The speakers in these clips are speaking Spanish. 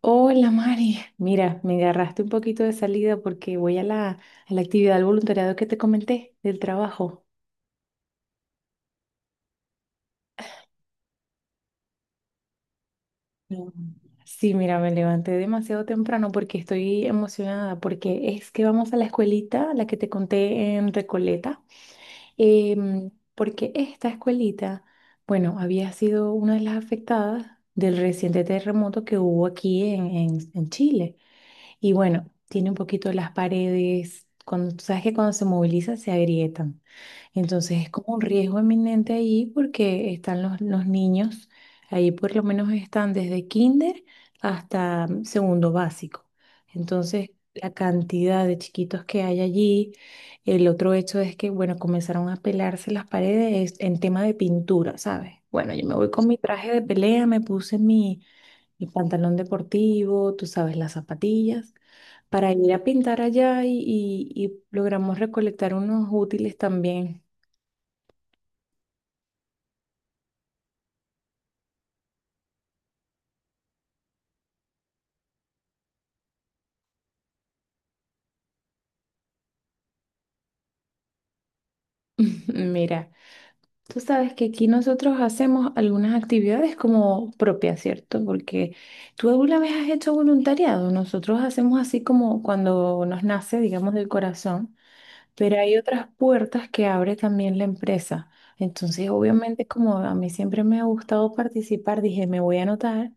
Hola Mari, mira, me agarraste un poquito de salida porque voy a la actividad del voluntariado que te comenté del trabajo. No. Sí, mira, me levanté demasiado temprano porque estoy emocionada porque es que vamos a la escuelita, la que te conté en Recoleta, porque esta escuelita, bueno, había sido una de las afectadas del reciente terremoto que hubo aquí en Chile. Y bueno, tiene un poquito las paredes, cuando, tú sabes que cuando se moviliza se agrietan. Entonces es como un riesgo eminente ahí porque están los niños, ahí por lo menos están desde kinder hasta segundo básico. Entonces la cantidad de chiquitos que hay allí, el otro hecho es que, bueno, comenzaron a pelarse las paredes en tema de pintura, ¿sabes? Bueno, yo me voy con mi traje de pelea, me puse mi, mi pantalón deportivo, tú sabes, las zapatillas para ir a pintar allá y logramos recolectar unos útiles también. Mira, tú sabes que aquí nosotros hacemos algunas actividades como propias, ¿cierto? Porque tú alguna vez has hecho voluntariado. Nosotros hacemos así como cuando nos nace, digamos, del corazón. Pero hay otras puertas que abre también la empresa. Entonces, obviamente, como a mí siempre me ha gustado participar, dije, me voy a anotar,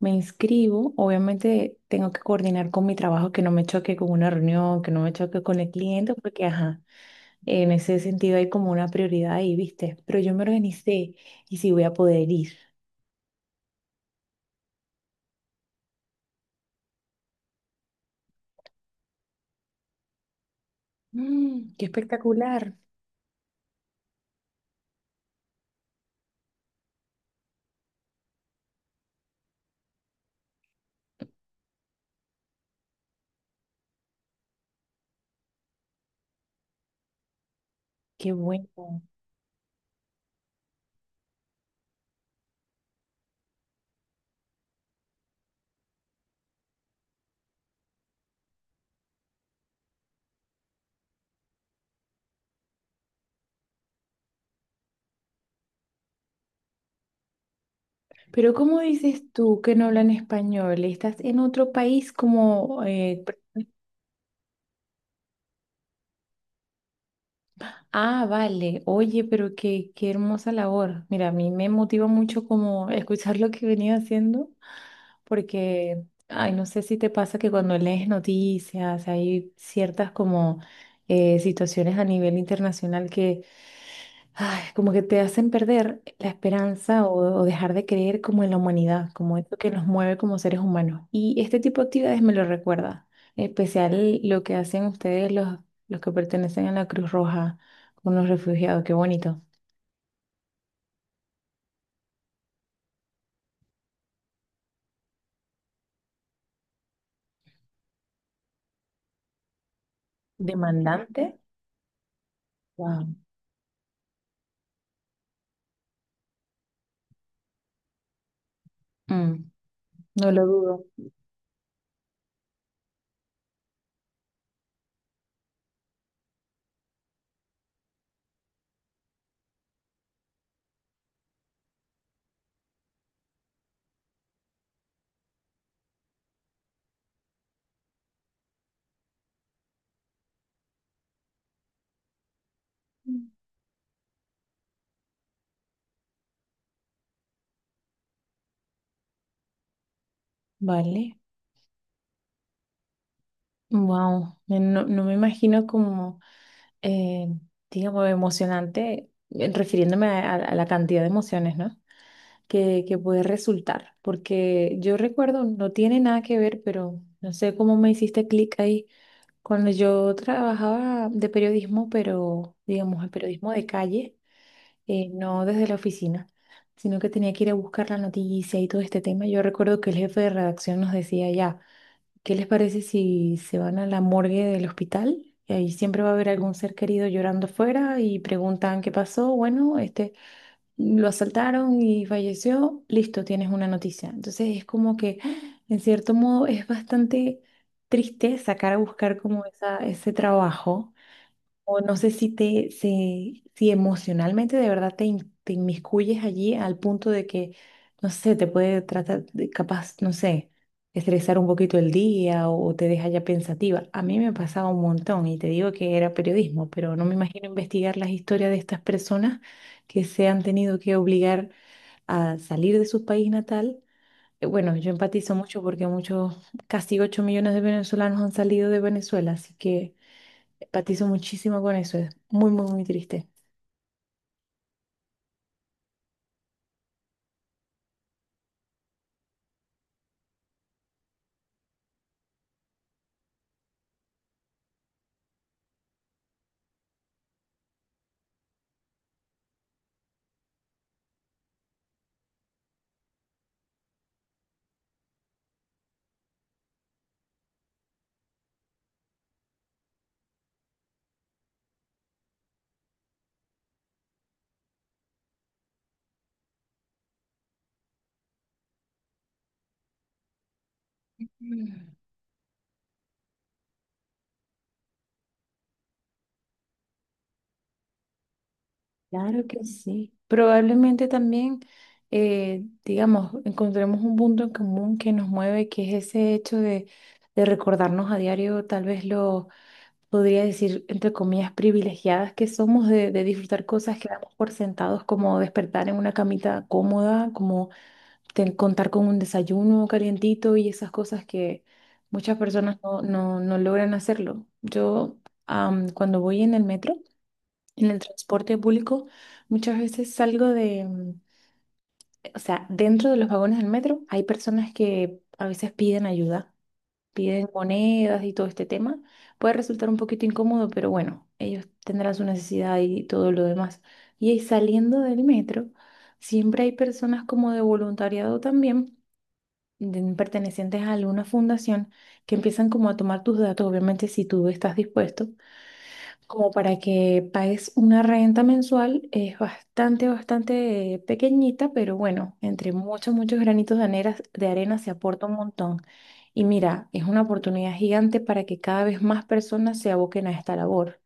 me inscribo. Obviamente, tengo que coordinar con mi trabajo, que no me choque con una reunión, que no me choque con el cliente, porque, ajá, en ese sentido hay como una prioridad ahí, ¿viste? Pero yo me organicé y sí voy a poder ir. Mm, qué espectacular, qué bueno. Pero ¿cómo dices tú que no hablan español? ¿Estás en otro país como Ah, vale. Oye, pero qué, qué hermosa labor. Mira, a mí me motiva mucho como escuchar lo que venía haciendo, porque, ay, no sé si te pasa que cuando lees noticias hay ciertas como situaciones a nivel internacional ay, como que te hacen perder la esperanza o dejar de creer como en la humanidad, como esto que nos mueve como seres humanos. Y este tipo de actividades me lo recuerda, en especial lo que hacen ustedes los que pertenecen a la Cruz Roja con los refugiados, qué bonito. Demandante, wow. Mm, no lo dudo. Vale, wow, no, no me imagino como, eh, digamos, emocionante, refiriéndome a la cantidad de emociones, no que, que puede resultar, porque yo recuerdo, no tiene nada que ver, pero no sé cómo me hiciste clic ahí, cuando yo trabajaba de periodismo, pero digamos el periodismo de calle, no desde la oficina, sino que tenía que ir a buscar la noticia y todo este tema, yo recuerdo que el jefe de redacción nos decía ya, ¿qué les parece si se van a la morgue del hospital? Y ahí siempre va a haber algún ser querido llorando afuera y preguntan qué pasó. Bueno, este lo asaltaron y falleció, listo, tienes una noticia. Entonces es como que, en cierto modo, es bastante triste sacar a buscar como esa, ese trabajo o no sé si si emocionalmente de verdad te inmiscuyes allí al punto de que, no sé, te puede tratar de capaz, no sé, estresar un poquito el día o te deja ya pensativa. A mí me pasaba un montón y te digo que era periodismo, pero no me imagino investigar las historias de estas personas que se han tenido que obligar a salir de su país natal. Bueno, yo empatizo mucho porque muchos, casi 8 millones de venezolanos han salido de Venezuela, así que... Patizo muchísimo con eso, es muy, muy, muy triste. Mm. Claro que sí. Probablemente también, digamos, encontremos un punto en común que nos mueve, que es ese hecho de recordarnos a diario, tal vez lo podría decir, entre comillas, privilegiadas que somos de disfrutar cosas que damos por sentados, como despertar en una camita cómoda, como contar con un desayuno calientito y esas cosas que muchas personas no logran hacerlo. Yo, cuando voy en el metro, en el transporte público, muchas veces salgo de, o sea, dentro de los vagones del metro hay personas que a veces piden ayuda, piden monedas y todo este tema. Puede resultar un poquito incómodo, pero bueno, ellos tendrán su necesidad y todo lo demás. Y ahí saliendo del metro, siempre hay personas como de voluntariado también pertenecientes a alguna fundación que empiezan como a tomar tus datos, obviamente si tú estás dispuesto, como para que pagues una renta mensual, es bastante, bastante pequeñita, pero bueno, entre muchos, muchos granitos de arena se aporta un montón. Y mira, es una oportunidad gigante para que cada vez más personas se aboquen a esta labor.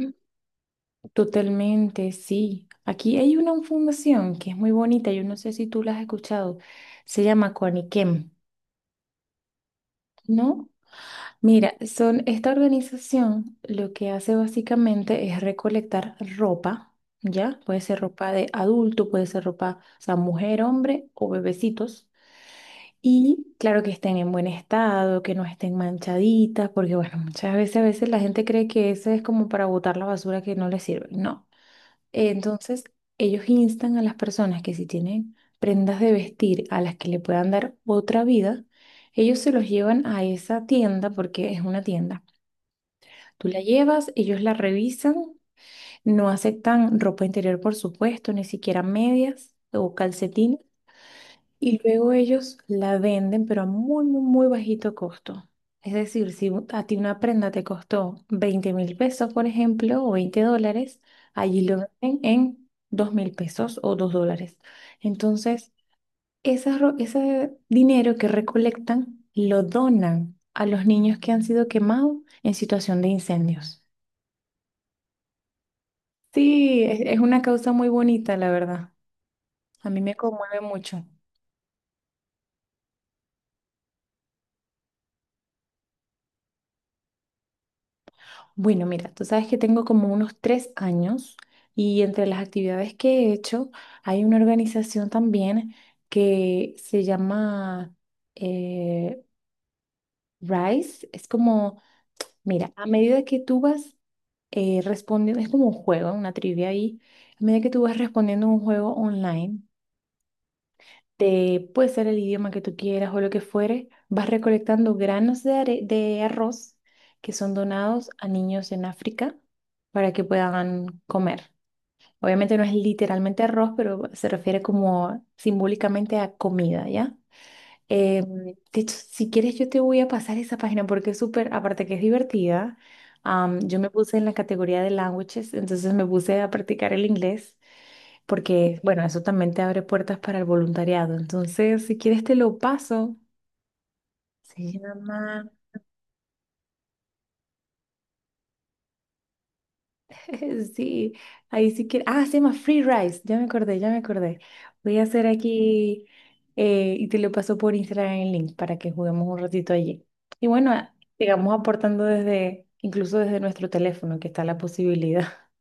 Mm. Totalmente, sí. Aquí hay una fundación que es muy bonita, yo no sé si tú la has escuchado, se llama Coaniquem, ¿no? Mira, son esta organización lo que hace básicamente es recolectar ropa, ¿ya? Puede ser ropa de adulto, puede ser ropa, o sea, mujer, hombre o bebecitos. Y claro que estén en buen estado, que no estén manchaditas, porque bueno, muchas veces a veces la gente cree que eso es como para botar la basura que no les sirve. No. Entonces, ellos instan a las personas que si tienen prendas de vestir a las que le puedan dar otra vida, ellos se los llevan a esa tienda porque es una tienda Tú la llevas, ellos la revisan, no aceptan ropa interior, por supuesto, ni siquiera medias o calcetines, y luego ellos la venden, pero a muy, muy, muy bajito costo. Es decir, si a ti una prenda te costó 20.000 pesos, por ejemplo, o 20 dólares, allí lo venden en 2.000 pesos o 2 dólares. Entonces, ese dinero que recolectan lo donan a los niños que han sido quemados en situación de incendios. Sí, es una causa muy bonita, la verdad. A mí me conmueve mucho. Bueno, mira, tú sabes que tengo como unos 3 años y entre las actividades que he hecho hay una organización también que se llama eh, RISE. Es como, mira, a medida que tú vas respondiendo, es como un juego, una trivia ahí, a medida que tú vas respondiendo un juego online. De, puede ser el idioma que tú quieras o lo que fuere, vas recolectando granos de, de arroz que son donados a niños en África para que puedan comer. Obviamente no es literalmente arroz, pero se refiere como simbólicamente a comida, ¿ya? De hecho, si quieres yo te voy a pasar esa página porque es súper, aparte que es divertida, yo me puse en la categoría de languages, entonces me puse a practicar el inglés porque, bueno, eso también te abre puertas para el voluntariado. Entonces, si quieres, te lo paso. Se llama, sí, ahí si quieres. Ah, se llama Free Rice. Ya me acordé, ya me acordé. Voy a hacer aquí y te lo paso por Instagram el link para que juguemos un ratito allí. Y bueno, sigamos aportando desde, incluso desde nuestro teléfono, que está la posibilidad.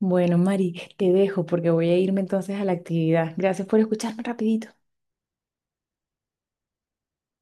Bueno, Mari, te dejo porque voy a irme entonces a la actividad. Gracias por escucharme rapidito.